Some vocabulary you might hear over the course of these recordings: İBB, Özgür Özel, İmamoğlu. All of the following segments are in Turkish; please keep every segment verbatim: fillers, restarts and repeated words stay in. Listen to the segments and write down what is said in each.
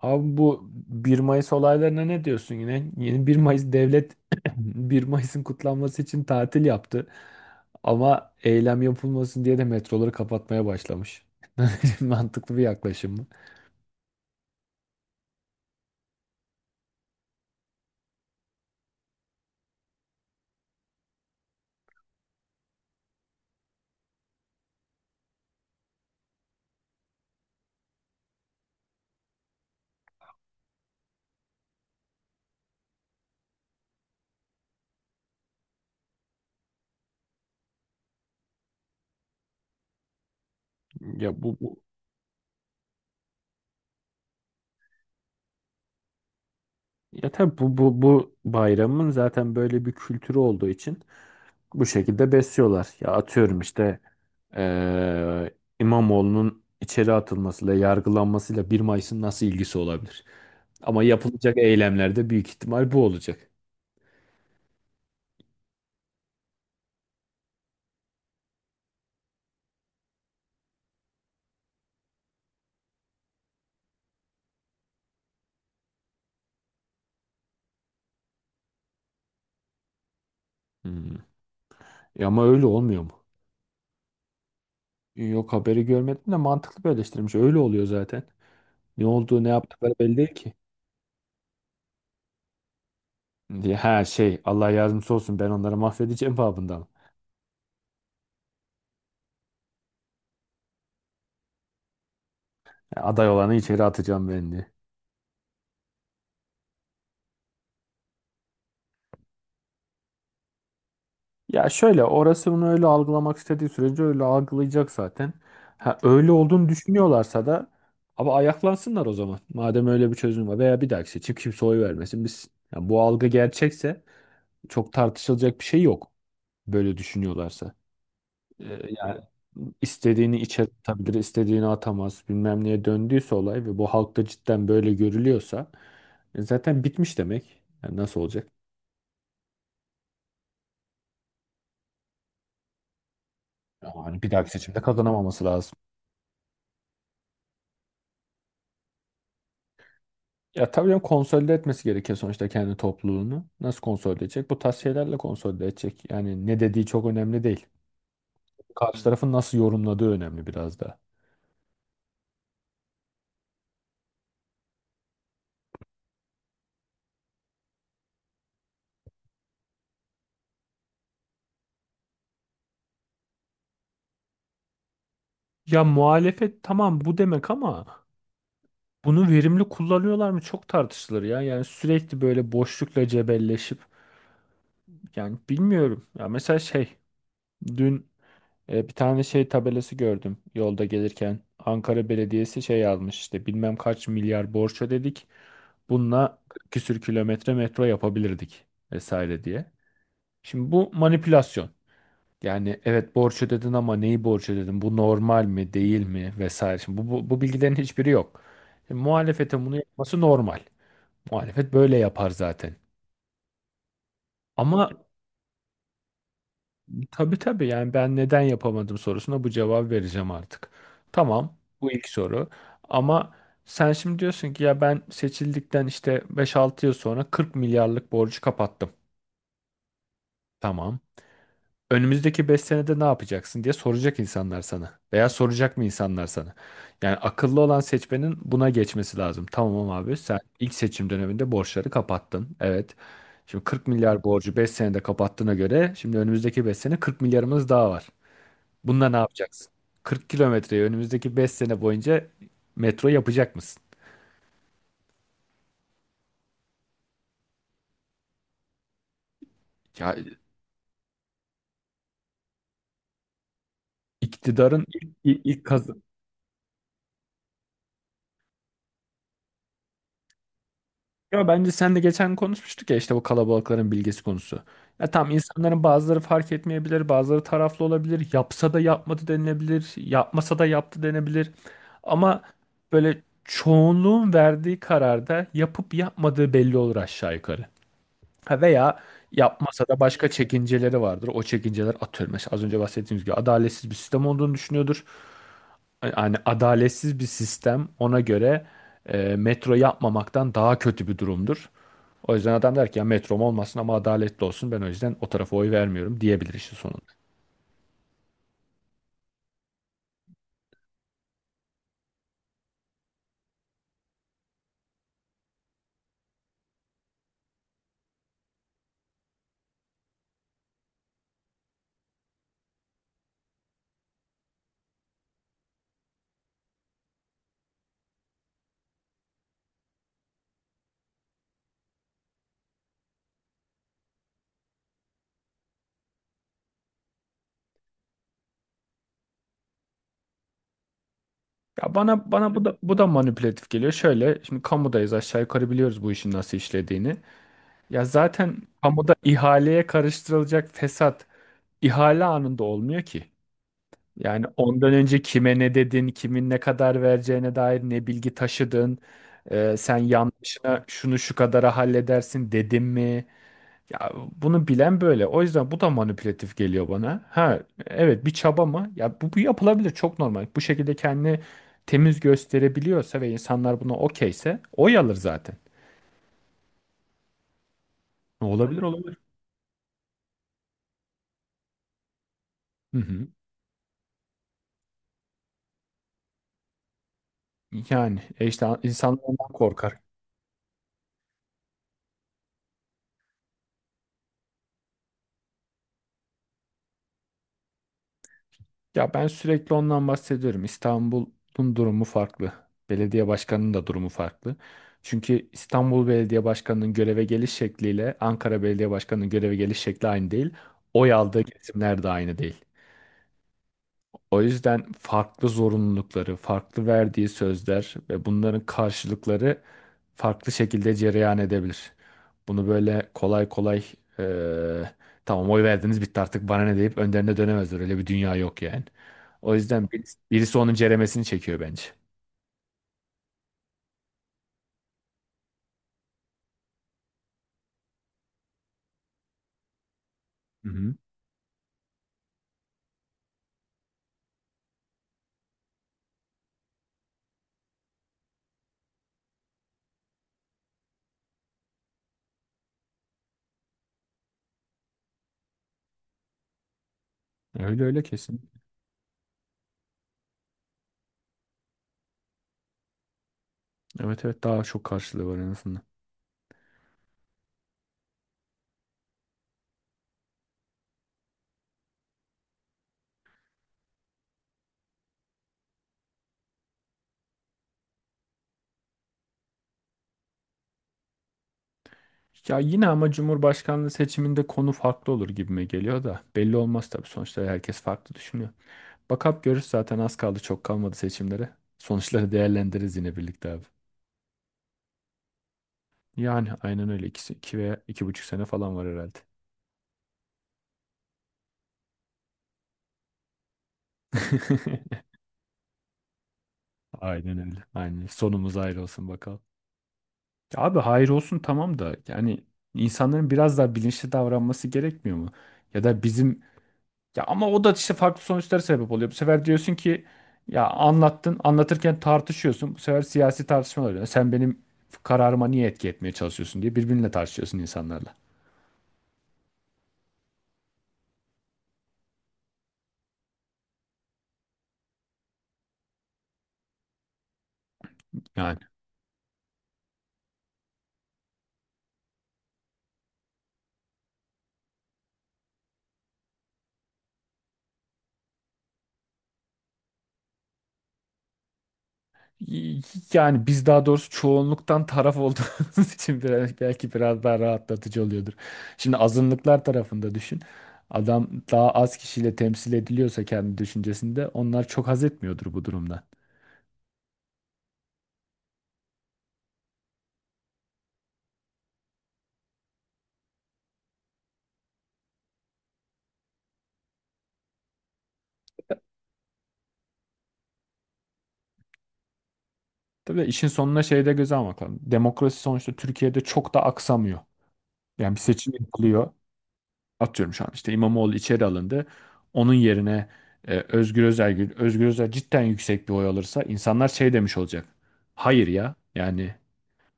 Abi bu bir Mayıs olaylarına ne diyorsun yine? Yeni bir Mayıs devlet bir Mayıs'ın kutlanması için tatil yaptı. Ama eylem yapılmasın diye de metroları kapatmaya başlamış. Mantıklı bir yaklaşım mı? Ya bu, bu ya tabii bu, bu bu bayramın zaten böyle bir kültürü olduğu için bu şekilde besliyorlar. Ya atıyorum işte eee İmamoğlu'nun içeri atılmasıyla, yargılanmasıyla bir Mayıs'ın nasıl ilgisi olabilir? Ama yapılacak eylemlerde büyük ihtimal bu olacak. Hmm. Ya ama öyle olmuyor mu? Yok, haberi görmedim de mantıklı bir eleştirmiş. Öyle oluyor zaten. Ne olduğu ne yaptıkları belli değil ki. Diye, ha şey, Allah yardımcısı olsun, ben onları mahvedeceğim babından. Aday olanı içeri atacağım ben diye. Ya şöyle, orası bunu öyle algılamak istediği sürece öyle algılayacak zaten. Ha, öyle olduğunu düşünüyorlarsa da ama ayaklansınlar o zaman. Madem öyle bir çözüm var veya bir dahaki seçim kimse oy vermesin biz. Ya bu algı gerçekse çok tartışılacak bir şey yok. Böyle düşünüyorlarsa. Ee, yani istediğini içe atabilir, istediğini atamaz. Bilmem neye döndüyse olay ve bu halkta cidden böyle görülüyorsa e, zaten bitmiş demek. Yani nasıl olacak? Yani bir dahaki seçimde kazanamaması lazım. Ya tabii canım, konsolide etmesi gerekiyor sonuçta kendi topluluğunu. Nasıl konsolide edecek? Bu tarz şeylerle konsolide edecek. Yani ne dediği çok önemli değil. Karşı tarafın nasıl yorumladığı önemli biraz da. Ya muhalefet, tamam bu demek, ama bunu verimli kullanıyorlar mı çok tartışılır ya. Yani sürekli böyle boşlukla cebelleşip. Yani bilmiyorum. Ya mesela şey, dün e, bir tane şey tabelası gördüm yolda gelirken. Ankara Belediyesi şey almış, işte bilmem kaç milyar borç ödedik. Bununla kırk küsür kilometre metro yapabilirdik vesaire diye. Şimdi bu manipülasyon. Yani evet, borç ödedin, ama neyi borç ödedin? Bu normal mi değil mi vesaire. Şimdi bu, bu, bu bilgilerin hiçbiri yok. Şimdi muhalefetin bunu yapması normal. Muhalefet böyle yapar zaten. Ama Tabii tabii, yani ben neden yapamadım sorusuna bu cevabı vereceğim artık. Tamam, bu ilk soru ama sen şimdi diyorsun ki ya, ben seçildikten işte beş altı yıl sonra kırk milyarlık borcu kapattım. Tamam. Önümüzdeki beş senede ne yapacaksın diye soracak insanlar sana. Veya soracak mı insanlar sana? Yani akıllı olan seçmenin buna geçmesi lazım. Tamam abi, sen ilk seçim döneminde borçları kapattın. Evet. Şimdi kırk milyar borcu beş senede kapattığına göre şimdi önümüzdeki beş sene kırk milyarımız daha var. Bununla ne yapacaksın? kırk kilometreyi önümüzdeki beş sene boyunca metro yapacak mısın? Ya iktidarın ilk, ilk, ilk kazı- Ya bence sen de geçen konuşmuştuk ya, işte bu kalabalıkların bilgesi konusu. Ya tamam, insanların bazıları fark etmeyebilir, bazıları taraflı olabilir. Yapsa da yapmadı denilebilir, yapmasa da yaptı denebilir. Ama böyle çoğunluğun verdiği kararda yapıp yapmadığı belli olur aşağı yukarı. Ha, Veya yapmasa da başka çekinceleri vardır. O çekinceler, atıyorum. Mesela az önce bahsettiğimiz gibi adaletsiz bir sistem olduğunu düşünüyordur. Yani adaletsiz bir sistem ona göre e, metro yapmamaktan daha kötü bir durumdur. O yüzden adam der ki ya, metrom olmasın ama adaletli olsun. Ben o yüzden o tarafa oy vermiyorum diyebilir işin sonunda. Ya bana bana bu da bu da manipülatif geliyor. Şöyle şimdi kamudayız, aşağı yukarı biliyoruz bu işin nasıl işlediğini. Ya zaten kamuda ihaleye karıştırılacak fesat ihale anında olmuyor ki. Yani ondan önce kime ne dedin, kimin ne kadar vereceğine dair ne bilgi taşıdın, e, sen yanlışına şunu şu kadara halledersin dedim mi? Ya bunu bilen böyle. O yüzden bu da manipülatif geliyor bana. Ha, evet, bir çaba mı? Ya bu, bu yapılabilir, çok normal. Bu şekilde kendini temiz gösterebiliyorsa ve insanlar buna okeyse oy alır zaten. Olabilir, olabilir. Hı hı. Yani e işte insanlar ondan korkar. Ya ben sürekli ondan bahsediyorum. İstanbul'un durumu farklı. Belediye başkanının da durumu farklı. Çünkü İstanbul Belediye Başkanı'nın göreve geliş şekliyle Ankara Belediye Başkanı'nın göreve geliş şekli aynı değil. Oy aldığı kesimler de aynı değil. O yüzden farklı zorunlulukları, farklı verdiği sözler ve bunların karşılıkları farklı şekilde cereyan edebilir. Bunu böyle kolay kolay eee, tamam oy verdiniz, bitti artık, bana ne deyip önderine dönemezler. Öyle bir dünya yok yani. O yüzden birisi, birisi onun ceremesini çekiyor bence. Hı hı. Öyle öyle, kesin. Evet evet, daha çok karşılığı var en azından. Ya yine ama Cumhurbaşkanlığı seçiminde konu farklı olur gibime geliyor da belli olmaz tabii, sonuçta herkes farklı düşünüyor. Bakap görür zaten, az kaldı çok kalmadı seçimlere. Sonuçları değerlendiririz yine birlikte abi. Yani aynen öyle. İki, iki veya iki buçuk sene falan var herhalde. Aynen öyle. Aynen. Sonumuz hayır olsun bakalım. Ya abi, hayır olsun tamam da yani insanların biraz daha bilinçli davranması gerekmiyor mu? Ya da bizim, ya ama o da işte farklı sonuçlara sebep oluyor. Bu sefer diyorsun ki ya, anlattın, anlatırken tartışıyorsun. Bu sefer siyasi tartışmalar oluyor. Sen benim kararıma niye etki etmeye çalışıyorsun diye birbirinle tartışıyorsun insanlarla. Yani. Y- Yani biz, daha doğrusu çoğunluktan taraf olduğumuz için biraz, belki biraz daha rahatlatıcı oluyordur. Şimdi azınlıklar tarafında düşün. Adam daha az kişiyle temsil ediliyorsa kendi düşüncesinde, onlar çok haz etmiyordur bu durumdan. Tabii işin sonuna şey de, göze almak lazım. Demokrasi sonuçta Türkiye'de çok da aksamıyor. Yani bir seçim yapılıyor. Atıyorum şu an işte İmamoğlu içeri alındı. Onun yerine e, Özgür Özel, Özgür Özel cidden yüksek bir oy alırsa insanlar şey demiş olacak. Hayır ya, yani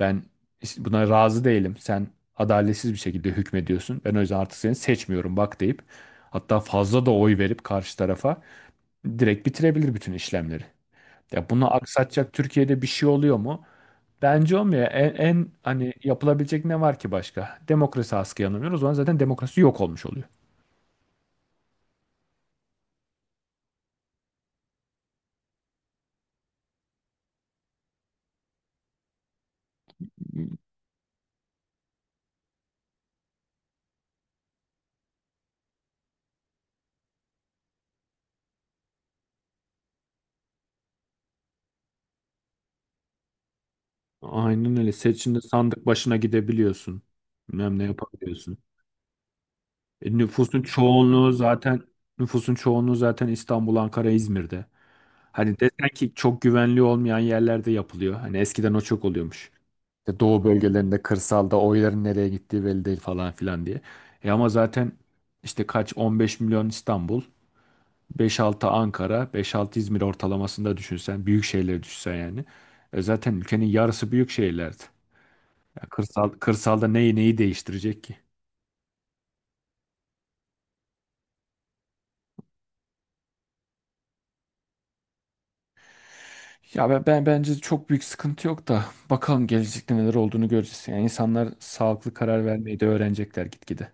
ben işte buna razı değilim. Sen adaletsiz bir şekilde hükmediyorsun. Ben o yüzden artık seni seçmiyorum bak deyip hatta fazla da oy verip karşı tarafa direkt bitirebilir bütün işlemleri. Ya bunu aksatacak Türkiye'de bir şey oluyor mu? Bence olmuyor. En, en hani yapılabilecek ne var ki başka? Demokrasi askıya alınıyor. O zaman zaten demokrasi yok olmuş oluyor. Aynen öyle. Seçimde sandık başına gidebiliyorsun. Bilmem ne yapabiliyorsun. E, nüfusun çoğunluğu zaten nüfusun çoğunluğu zaten İstanbul, Ankara, İzmir'de. Hani desen ki çok güvenli olmayan yerlerde yapılıyor. Hani eskiden o çok oluyormuş. İşte doğu bölgelerinde, kırsalda oyların nereye gittiği belli değil falan filan diye. E ama zaten işte kaç on beş milyon İstanbul, beş altı Ankara, beş altı İzmir ortalamasında düşünsen, büyük şehirleri düşünsen yani. E zaten ülkenin yarısı büyük şehirlerdi. Ya kırsal, kırsalda neyi neyi değiştirecek ki? Ya ben, ben bence çok büyük sıkıntı yok da bakalım gelecekte neler olduğunu göreceğiz. Yani insanlar sağlıklı karar vermeyi de öğrenecekler gitgide.